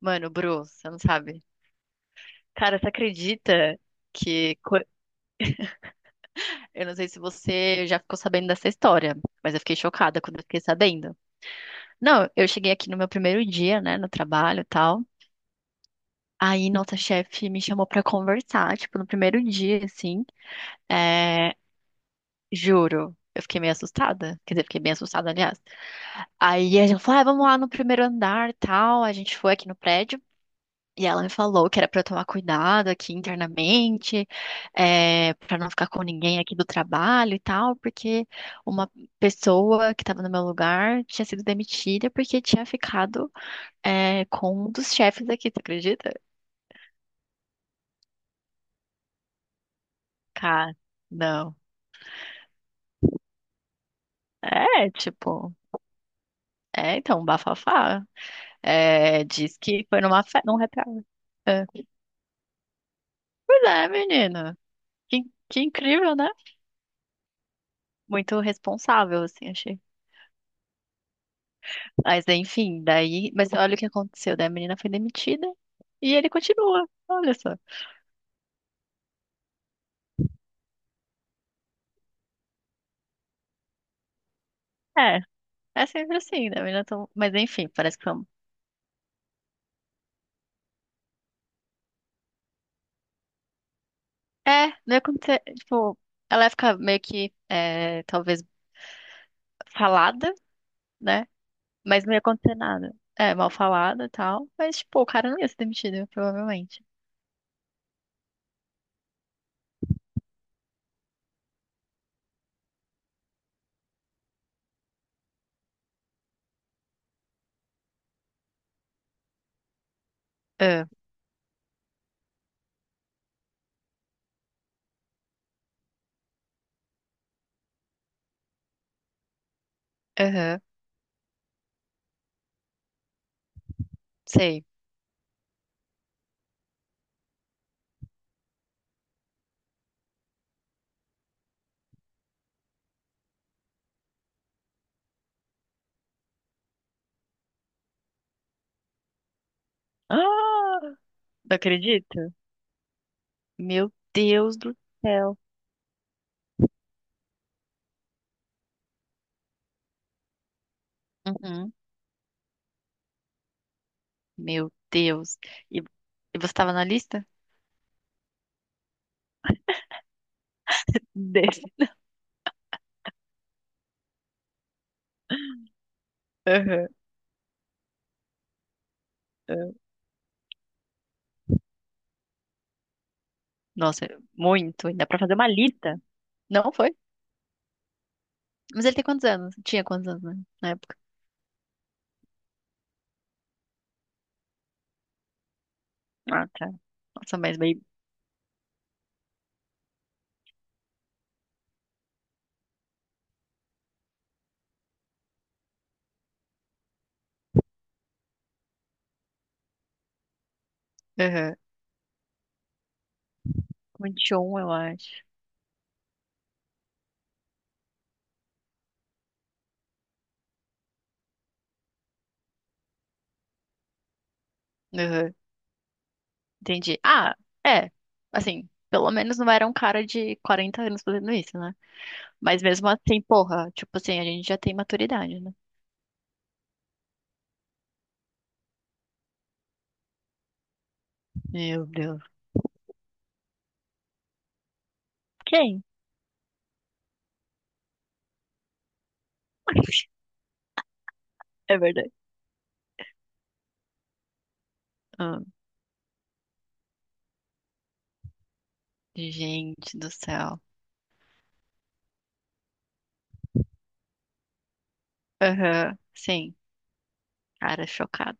Mano, Bru, você não sabe. Cara, você acredita que. Eu não sei se você já ficou sabendo dessa história, mas eu fiquei chocada quando eu fiquei sabendo. Não, eu cheguei aqui no meu primeiro dia, né, no trabalho e tal. Aí nossa chefe me chamou pra conversar, tipo, no primeiro dia, assim. É... Juro, eu fiquei meio assustada. Quer dizer, fiquei bem assustada, aliás. Aí a gente falou, ah, vamos lá no primeiro andar e tal. A gente foi aqui no prédio. E ela me falou que era para eu tomar cuidado aqui internamente, para não ficar com ninguém aqui do trabalho e tal, porque uma pessoa que estava no meu lugar tinha sido demitida porque tinha ficado, com um dos chefes aqui, tu acredita? Cara, não. É, tipo, é então, bafafá. É, diz que foi numa festa, num happy hour. É. Pois é, menina. Que, que incrível, né? Muito responsável, assim, achei. Mas enfim, daí. Mas olha o que aconteceu, daí a menina foi demitida e ele continua. Olha só. É, é sempre assim, né? A menina tão... Mas enfim, parece que foi. É, não ia acontecer. Tipo, ela ia ficar meio que, talvez, falada, né? Mas não ia acontecer nada. É, mal falada e tal. Mas, tipo, o cara não ia ser demitido, provavelmente. Ah, aham, sei. Ah, não acredito. Meu Deus do céu. Uhum, meu Deus. E, e você tava na lista? Desse. Aham, aham. Nossa, muito. Ainda pra fazer uma lista. Não foi? Mas ele tem quantos anos? Tinha quantos anos né, na época? Ah, tá. Nossa, mas meio. Aham. 21, eu acho. Aham. Entendi. Ah, é. Assim, pelo menos não era um cara de 40 anos fazendo isso, né? Mas mesmo assim, porra, tipo assim, a gente já tem maturidade, né? Meu Deus. Quem? É verdade. Ah, gente do céu. Aham. Sim. Cara, chocado.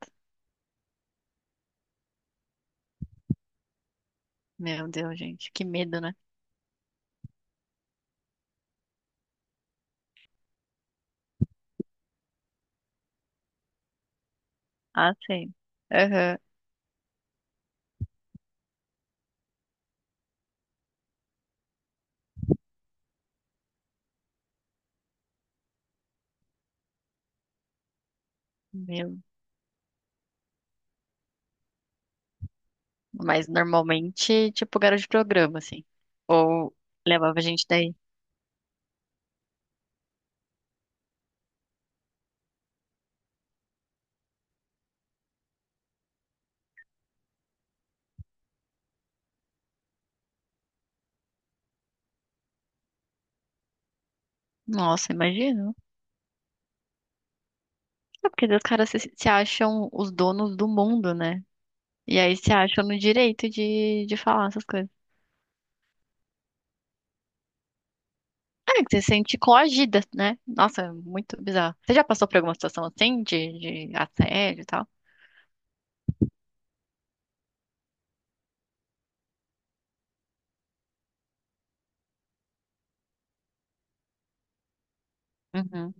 Meu Deus, gente. Que medo, né? Ah, sim. Aham. Meu. Mas normalmente, tipo, garoto de programa, assim. Ou levava a gente daí. Nossa, imagino. É porque os caras se acham os donos do mundo, né? E aí se acham no direito de falar essas coisas. É, que você se sente coagida, né? Nossa, muito bizarro. Você já passou por alguma situação assim, de assédio e tal? Uhum.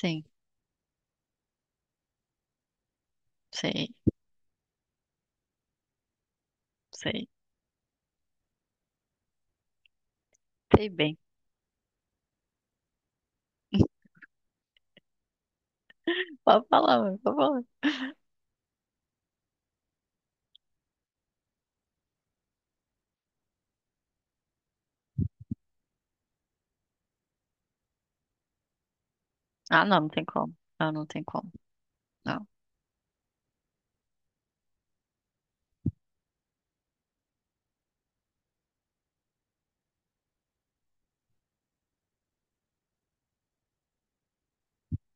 Sim, sei, sei. Sei bem. Pode falar, mano, pode falar. Ah, não, não tem como. Não, não tem como. Não.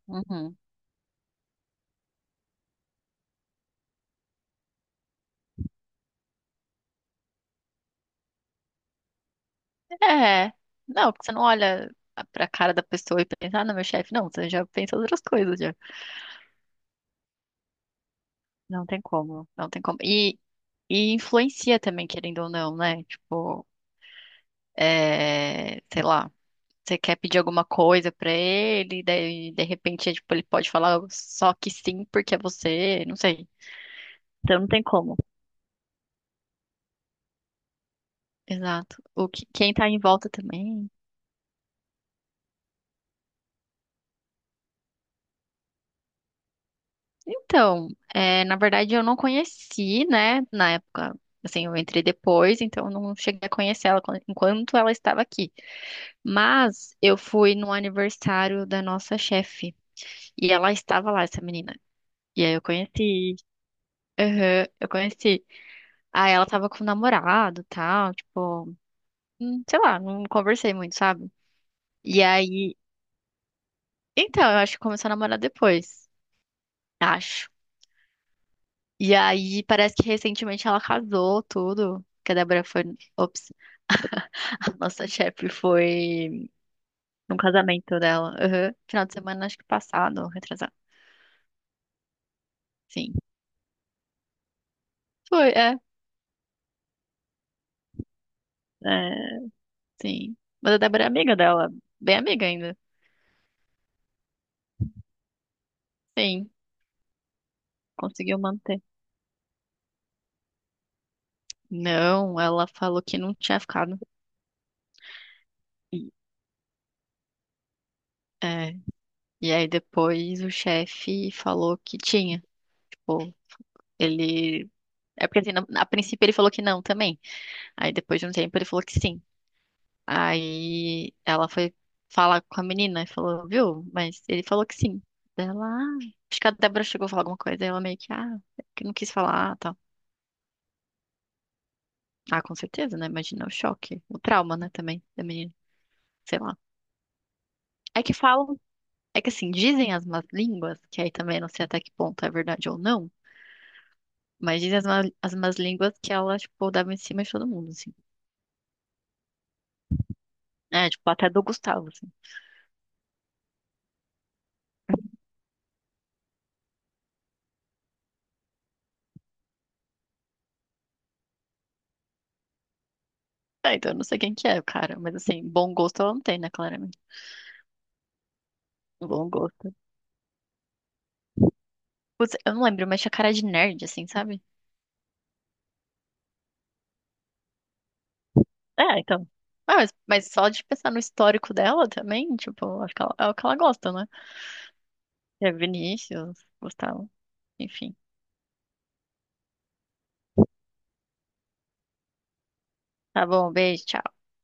Uhum. É, não, porque você não olha pra cara da pessoa e pensa, ah, não, meu chefe, não, você já pensa outras coisas já. Não tem como, não tem como. E influencia também, querendo ou não, né? Tipo, sei lá, você quer pedir alguma coisa pra ele, daí de repente, é, tipo, ele pode falar só que sim porque é você, não sei. Então não tem como. Exato. O que, quem tá em volta também. Então, é, na verdade eu não conheci, né, na época, assim, eu entrei depois, então eu não cheguei a conhecer ela enquanto ela estava aqui. Mas eu fui no aniversário da nossa chefe e ela estava lá, essa menina. E aí eu conheci, aham, eu conheci. Aí ela tava com o namorado, tal, tipo, sei lá, não conversei muito, sabe? E aí, então, eu acho que começou a namorar depois, acho. E aí, parece que recentemente ela casou, tudo. Que a Débora foi. Ops, a nossa chefe foi num casamento dela. Aham. Final de semana, acho que passado, retrasado. Sim. Foi, é. É, sim. Mas a Débora é amiga dela, bem amiga ainda. Sim, conseguiu manter. Não, ela falou que não tinha ficado. E- É. E aí depois o chefe falou que tinha. Tipo, ele. É porque assim, a princípio ele falou que não também. Aí depois de um tempo ele falou que sim. Aí ela foi falar com a menina e falou, viu? Mas ele falou que sim. Daí ela, ah, acho que a Débora chegou a falar alguma coisa. Aí ela meio que, ah, que não quis falar, ah, tá. Ah, com certeza, né? Imagina o choque, o trauma, né, também da menina, sei lá. É que falam, é que assim, dizem as más línguas, que aí também não sei até que ponto é verdade ou não, mas dizem as más línguas que ela, tipo, dava em cima de todo mundo, assim. É, tipo, até do Gustavo, assim. É, então eu não sei quem que é o cara, mas assim, bom gosto ela não tem, né, claramente. Bom gosto. Putz, eu não lembro, mas tinha cara de nerd, assim, sabe? É, então. Ah, mas só de pensar no histórico dela também, tipo, acho que ela, é o que ela gosta, né? É Vinícius, Gustavo, enfim. Tá bom, beijo, tchau.